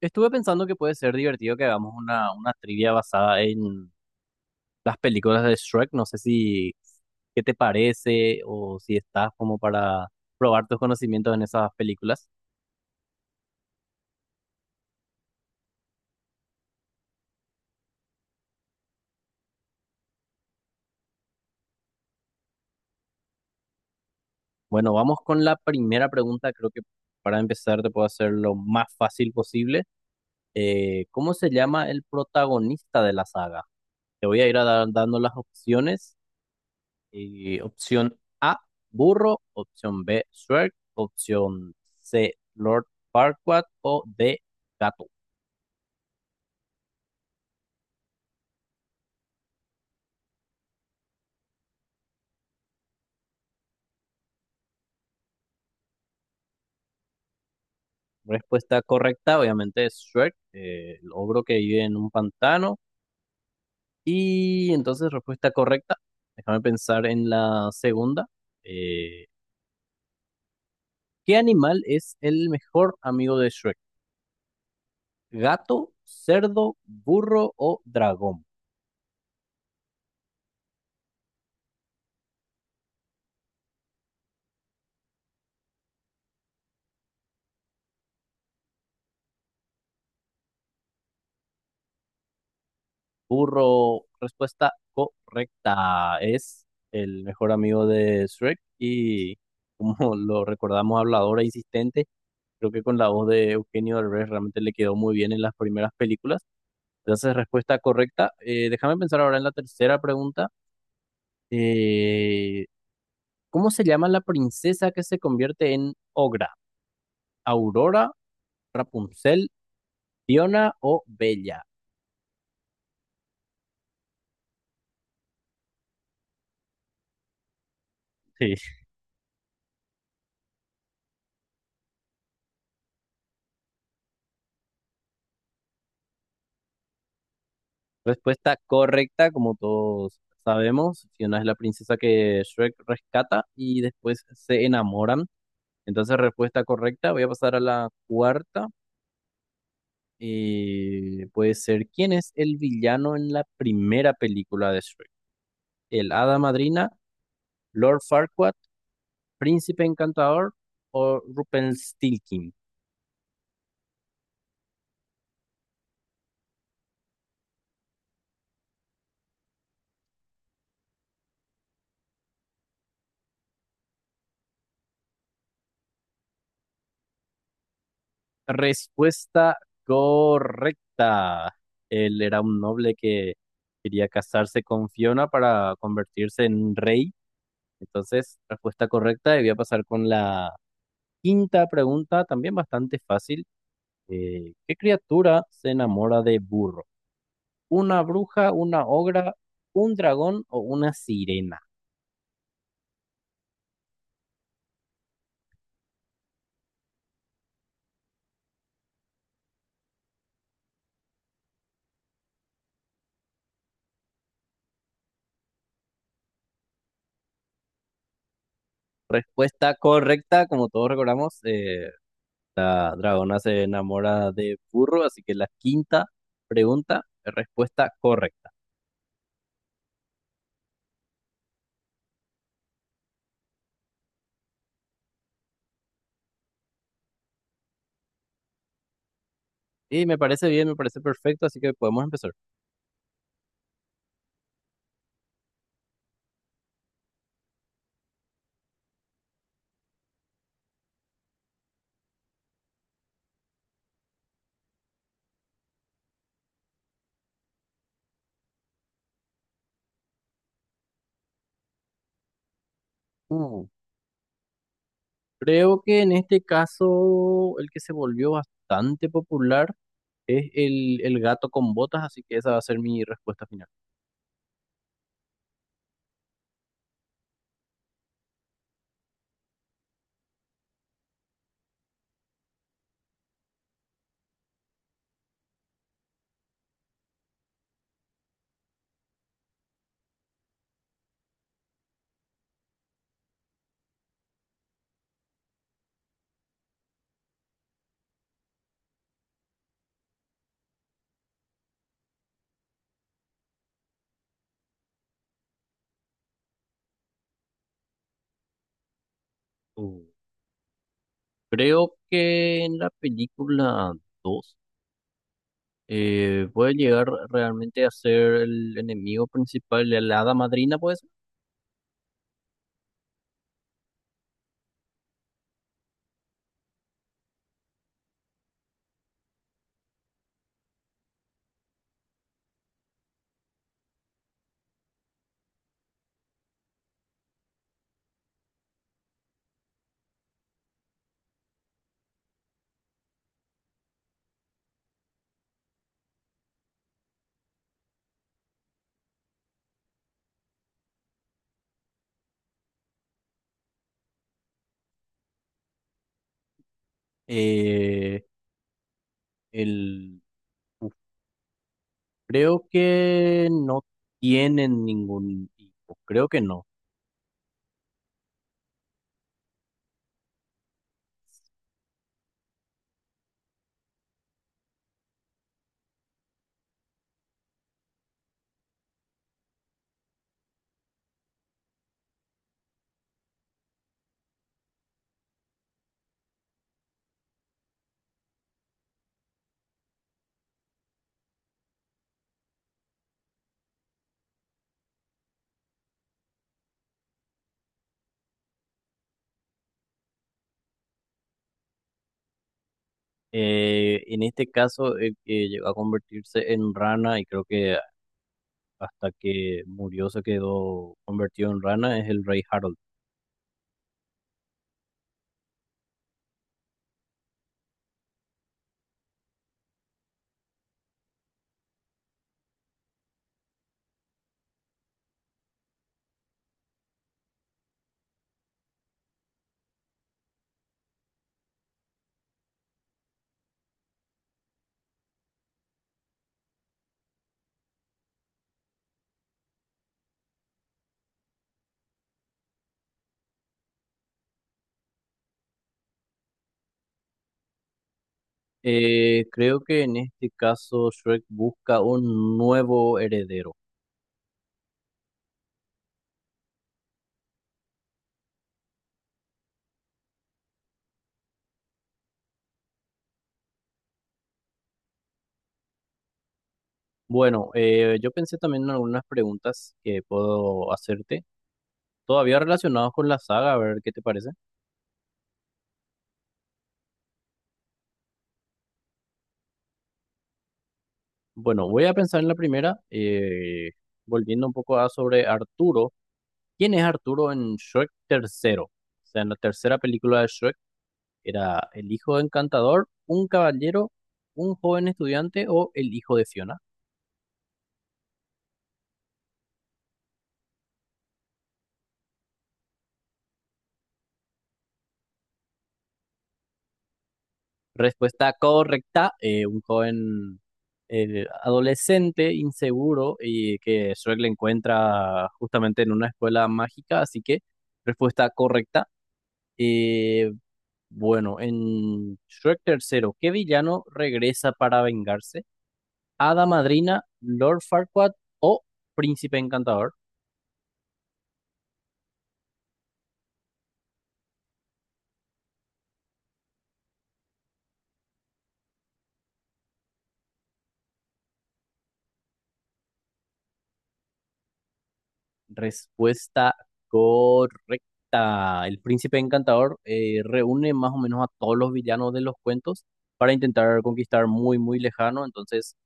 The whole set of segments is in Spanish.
Estuve pensando que puede ser divertido que hagamos una trivia basada en las películas de Shrek. No sé si qué te parece o si estás como para probar tus conocimientos en esas películas. Bueno, vamos con la primera pregunta. Creo que para empezar te puedo hacer lo más fácil posible. ¿Cómo se llama el protagonista de la saga? Te voy a ir a dando las opciones. Opción A, burro. Opción B, Shrek. Opción C, Lord Farquaad. O D, gato. Respuesta correcta, obviamente, es Shrek, el ogro que vive en un pantano. Y entonces, respuesta correcta. Déjame pensar en la segunda. Eh, ¿Qué animal es el mejor amigo de Shrek? ¿Gato, cerdo, burro o dragón? Burro, respuesta correcta. Es el mejor amigo de Shrek y como lo recordamos, hablador e insistente. Creo que con la voz de Eugenio Derbez realmente le quedó muy bien en las primeras películas. Entonces, respuesta correcta. Déjame pensar ahora en la tercera pregunta. Eh, ¿Cómo se llama la princesa que se convierte en Ogra? ¿Aurora, Rapunzel, Fiona o Bella? Sí. Respuesta correcta, como todos sabemos, Fiona es la princesa que Shrek rescata y después se enamoran. Entonces, respuesta correcta. Voy a pasar a la cuarta. Puede ser, ¿quién es el villano en la primera película de Shrek? ¿El Hada Madrina, Lord Farquaad, Príncipe Encantador o Rumpelstiltskin? Respuesta correcta. Él era un noble que quería casarse con Fiona para convertirse en rey. Entonces, respuesta correcta. Y voy a pasar con la quinta pregunta, también bastante fácil. ¿Qué criatura se enamora de burro? ¿Una bruja, una ogra, un dragón o una sirena? Respuesta correcta, como todos recordamos, la dragona se enamora de burro, así que la quinta pregunta, respuesta correcta. Y me parece bien, me parece perfecto, así que podemos empezar. Uh, creo que en este caso el que se volvió bastante popular es el gato con botas, así que esa va a ser mi respuesta final. Uh, creo que en la película 2 puede llegar realmente a ser el enemigo principal de la hada madrina, pues. Eh, el, Creo que no tienen ningún hijo, creo que no. En este caso, el que llegó a convertirse en rana y creo que hasta que murió se quedó convertido en rana es el rey Harold. Creo que en este caso Shrek busca un nuevo heredero. Bueno, yo pensé también en algunas preguntas que puedo hacerte, todavía relacionadas con la saga, a ver qué te parece. Bueno, voy a pensar en la primera, volviendo un poco a sobre Arturo. ¿Quién es Arturo en Shrek tercero? O sea, en la tercera película de Shrek era el hijo de Encantador, un caballero, un joven estudiante o el hijo de Fiona. Respuesta correcta, un joven adolescente, inseguro y que Shrek le encuentra justamente en una escuela mágica, así que respuesta correcta. Eh, Bueno, en Shrek tercero, ¿qué villano regresa para vengarse? ¿Hada Madrina, Lord Farquaad o Príncipe Encantador? Respuesta correcta. El Príncipe Encantador reúne más o menos a todos los villanos de los cuentos para intentar conquistar muy, muy lejano. Entonces,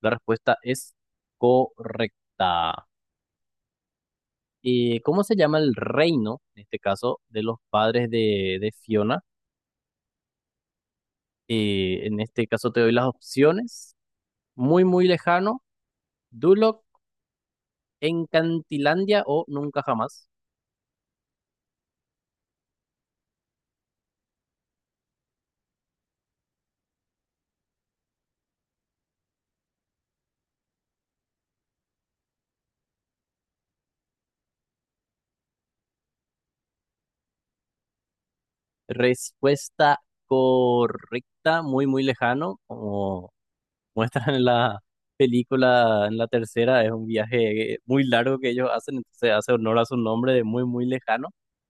la respuesta es correcta. ¿Cómo se llama el reino, en este caso, de los padres de Fiona? En este caso te doy las opciones. Muy, muy lejano. Duloc, Encantilandia o nunca jamás. Respuesta correcta, muy, muy lejano. Como muestran en la película, en la tercera, es un viaje muy largo que ellos hacen, entonces hace honor a su nombre de muy, muy lejano.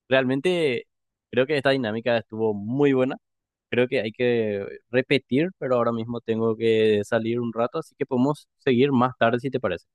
Realmente creo que esta dinámica estuvo muy buena. Creo que hay que repetir, pero ahora mismo tengo que salir un rato, así que podemos seguir más tarde si te parece.